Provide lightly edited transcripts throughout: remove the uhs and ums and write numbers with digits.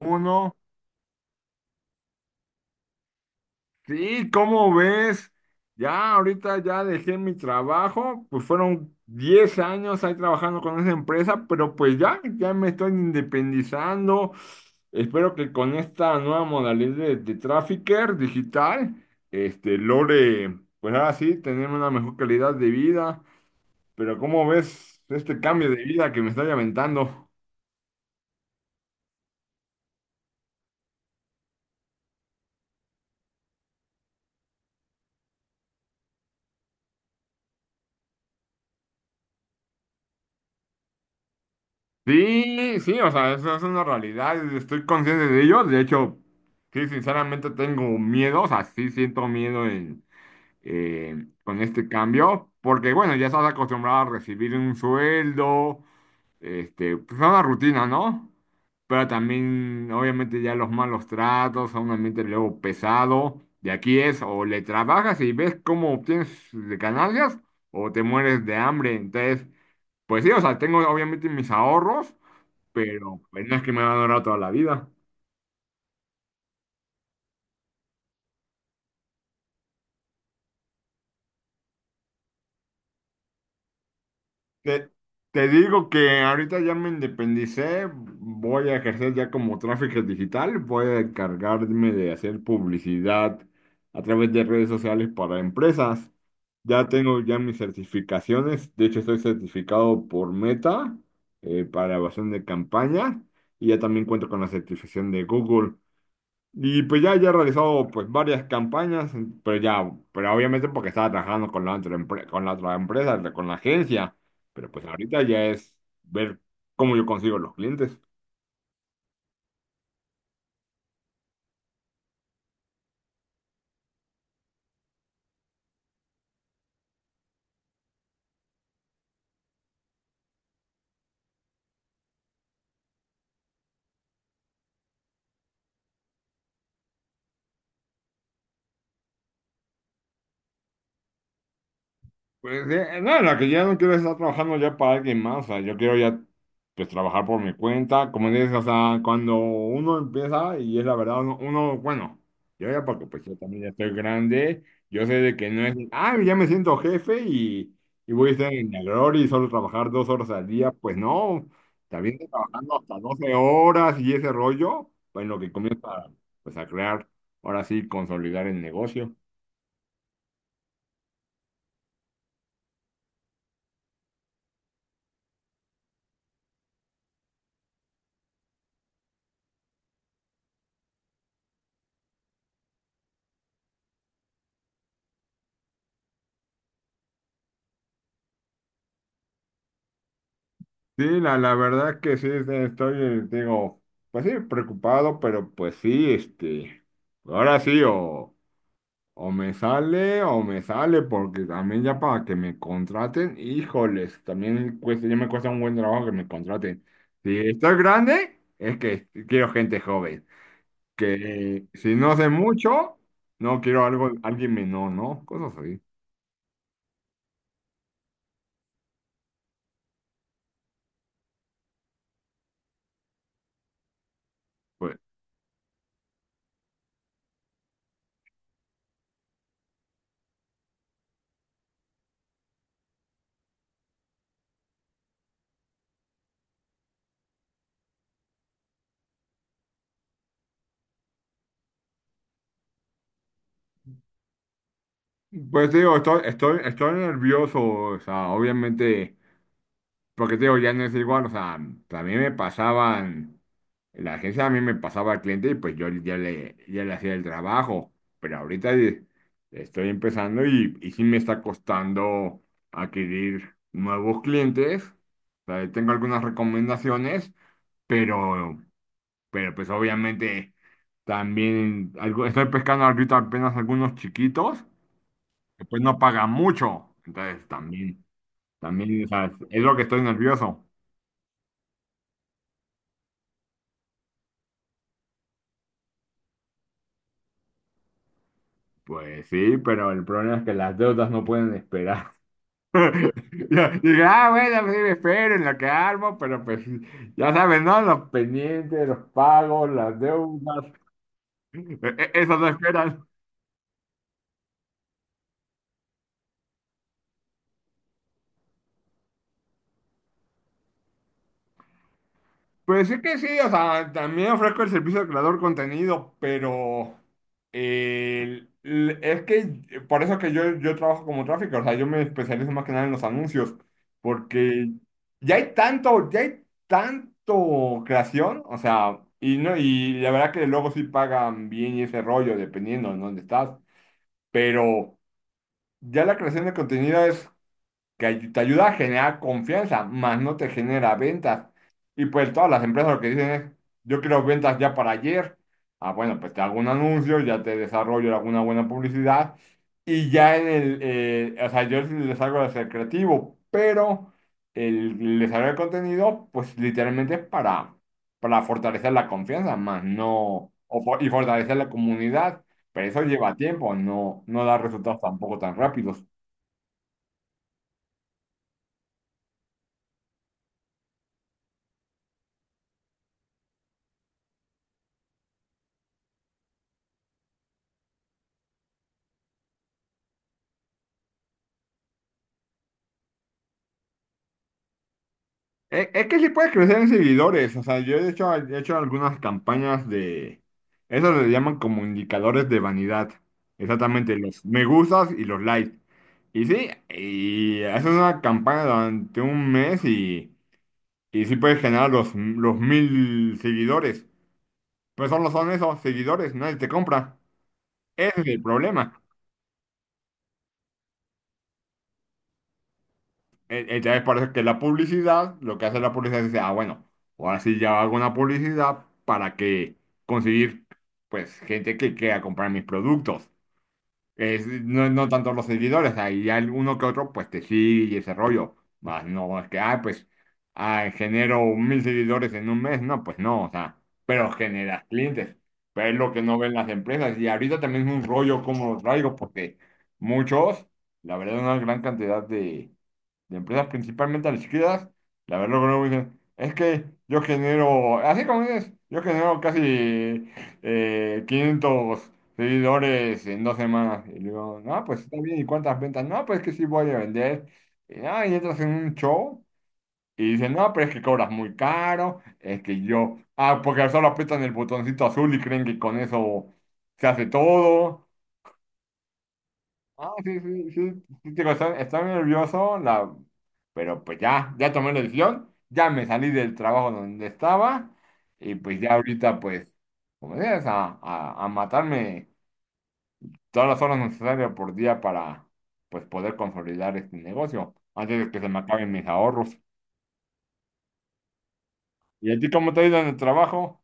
Uno, sí, ¿cómo ves? Ya ahorita ya dejé mi trabajo, pues fueron 10 años ahí trabajando con esa empresa, pero pues ya, ya me estoy independizando. Espero que con esta nueva modalidad de trafficker digital, logre, pues ahora sí, tener una mejor calidad de vida. Pero ¿cómo ves este cambio de vida que me estoy aventando? Sí, sí, o sea, eso es una realidad, estoy consciente de ello, de hecho, sí, sinceramente tengo miedo, o sea, sí siento miedo en, eh, con este cambio, porque bueno, ya estás acostumbrado a recibir un sueldo, pues es una rutina, ¿no? Pero también, obviamente, ya los malos tratos, a un ambiente luego pesado, de aquí es, o le trabajas y ves cómo obtienes de ganancias, o te mueres de hambre, entonces... Pues sí, o sea, tengo obviamente mis ahorros, pero bueno, es que me van a durar toda la vida. te Te digo que ahorita ya me independicé, voy a ejercer ya como tráfico digital, voy a encargarme de hacer publicidad a través de redes sociales para empresas. Ya tengo ya mis certificaciones, de hecho estoy certificado por Meta para evaluación de campañas y ya también cuento con la certificación de Google. Y pues ya, ya he realizado pues varias campañas, pero ya, pero obviamente porque estaba trabajando con la con la otra empresa, con la agencia, pero pues ahorita ya es ver cómo yo consigo los clientes. Pues, no, la que ya no quiero es estar trabajando ya para alguien más, o sea, yo quiero ya pues trabajar por mi cuenta, como dices, o sea, cuando uno empieza y es la verdad, uno, bueno, yo ya porque pues yo también ya estoy grande, yo sé de que no es, ah, ya me siento jefe y voy a estar en la gloria y solo trabajar dos horas al día, pues no, también estoy trabajando hasta 12 horas y ese rollo, pues en lo que comienza pues a crear, ahora sí, consolidar el negocio. Sí, la verdad que sí, estoy, digo, pues sí, preocupado, pero pues sí, ahora sí, o me sale, porque también ya para que me contraten, híjoles, también cuesta, ya me cuesta un buen trabajo que me contraten. Si estoy grande, es que quiero gente joven, que si no sé mucho, no quiero algo, alguien menor, ¿no? Cosas así. Pues, pues digo, estoy nervioso, o sea, obviamente. Porque te digo, ya no es igual, o sea, también me pasaban, la agencia a mí me pasaba al cliente y pues yo ya le hacía el trabajo, pero ahorita estoy empezando y sí me está costando adquirir nuevos clientes, o sea, tengo algunas recomendaciones, pero, pero pues obviamente también algo, estoy pescando ahorita apenas algunos chiquitos, que pues no pagan mucho, entonces también, también, o sea, es lo que estoy nervioso. Pues sí, pero el problema es que las deudas no pueden esperar. Yo dije, ah, bueno, pues sí, me espero en lo que armo, pero pues ya saben, ¿no? Los pendientes, los pagos, las deudas, eso no esperan. Pues sí que sí, o sea, también ofrezco el servicio de creador de contenido, pero es que por eso que yo trabajo como tráfico, o sea, yo me especializo más que nada en los anuncios, porque ya hay tanto creación, o sea, y no, y la verdad que luego sí pagan bien y ese rollo, dependiendo en dónde estás, pero ya la creación de contenido que te ayuda a generar confianza, más no te genera ventas. Y pues todas las empresas lo que dicen es, yo quiero ventas ya para ayer. Ah, bueno, pues te hago un anuncio, ya te desarrollo alguna buena publicidad y ya en el, o sea, yo sí les hago de ser creativo, pero el desarrollo de contenido, pues literalmente es para fortalecer la confianza, más no, y fortalecer la comunidad, pero eso lleva tiempo, no, no da resultados tampoco tan rápidos. Es que sí puedes crecer en seguidores. O sea, he hecho algunas campañas de... Eso le llaman como indicadores de vanidad. Exactamente, los me gustas y los likes. Y sí, y haces una campaña durante un mes y sí puedes generar los mil seguidores. Pero solo son esos seguidores, nadie te compra. Ese es el problema. Entonces parece que la publicidad, lo que hace la publicidad es decir ah, bueno, ahora sí ya hago una publicidad para que conseguir, pues, gente que quiera comprar mis productos. Es, no, no tanto los seguidores, ahí hay uno que otro, pues, te sigue y ese rollo. Más no es que, ah, pues, ah, genero mil seguidores en un mes. No, pues no, o sea, pero generas clientes. Pero es lo que no ven las empresas. Y ahorita también es un rollo como los traigo, porque muchos, la verdad, una gran cantidad de empresas principalmente a la izquierda, la verdad lo que no me dicen, es que yo genero, así como dices, yo genero casi 500 seguidores en dos semanas. Y digo, no, pues está bien, ¿y cuántas ventas? No, pues es que sí voy a vender. Y, no, y entras en un show y dicen, no, pero es que cobras muy caro, es que yo, ah, porque solo apretan el botoncito azul y creen que con eso se hace todo. Ah, sí, sí, sí. Digo, estoy nervioso, la... pero pues ya, ya tomé la decisión, ya me salí del trabajo donde estaba y pues ya ahorita pues, como dices, a matarme todas las horas necesarias por día para pues poder consolidar este negocio antes de que se me acaben mis ahorros. ¿Y a ti cómo te ha ido en el trabajo?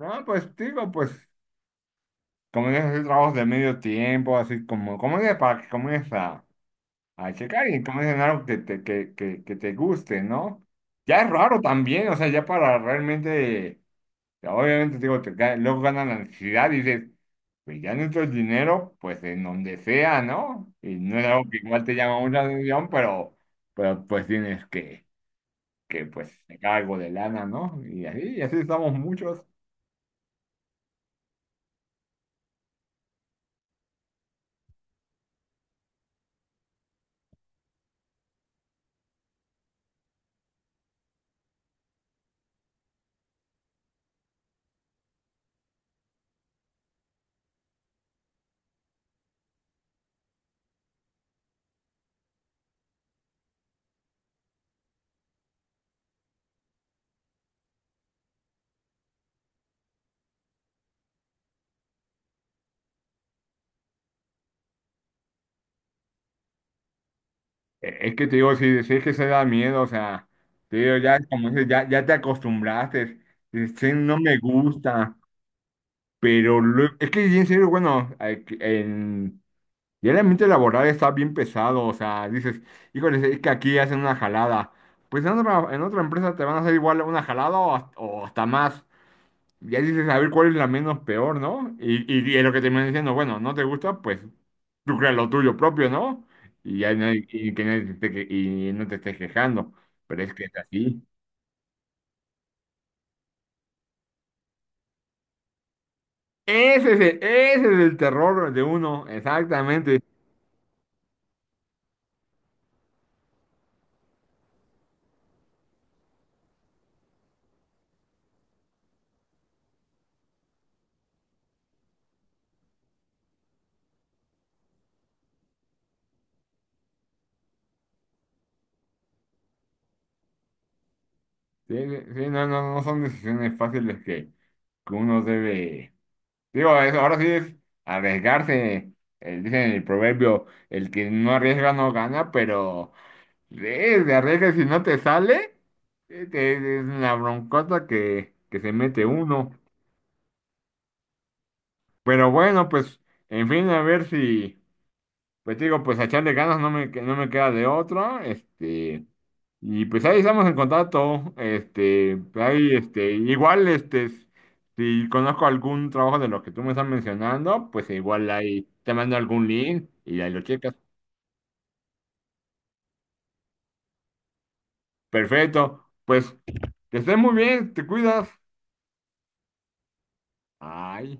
Ah, pues digo, pues como dices, hay trabajos de medio tiempo, así como, como dices, para que comiences a checar y como comer algo que te, que te guste, ¿no? Ya es raro también, o sea, ya para realmente, obviamente, digo, luego ganan la ansiedad y dices, pues ya necesito el dinero, pues en donde sea, ¿no? Y no es algo que igual te llama mucha atención, pero pues tienes que pues, sacar algo de lana, ¿no? Y así estamos muchos. Es que te digo, si es que se da miedo, o sea, te digo, ya, como dices, ya, ya te acostumbraste, dices, "Chin, no me gusta. Pero es que, en serio, bueno, ya el ambiente laboral está bien pesado, o sea, dices, híjole, es que aquí hacen una jalada. Pues en otra empresa te van a hacer igual una jalada o hasta más. Ya dices, a ver cuál es la menos peor, ¿no? Y es lo que te van diciendo, bueno, no te gusta, pues tú creas lo tuyo propio, ¿no? Y ya y que nadie te esté y no te estés quejando, pero es que es así. Ese es el terror de uno, exactamente. Sí, sí, no, no, no son decisiones fáciles que uno debe. Digo, eso ahora sí es arriesgarse. El, dicen en el proverbio, el que no arriesga no gana, pero de arriesgas si no te sale, es una broncota que se mete uno. Pero bueno, pues, en fin, a ver si. Pues te digo, pues a echarle ganas no me queda de otra, y pues ahí estamos en contacto, pues ahí, igual, si conozco algún trabajo de los que tú me estás mencionando, pues igual ahí te mando algún link y ahí lo checas. Perfecto, pues que estés muy bien, te cuidas. Ay.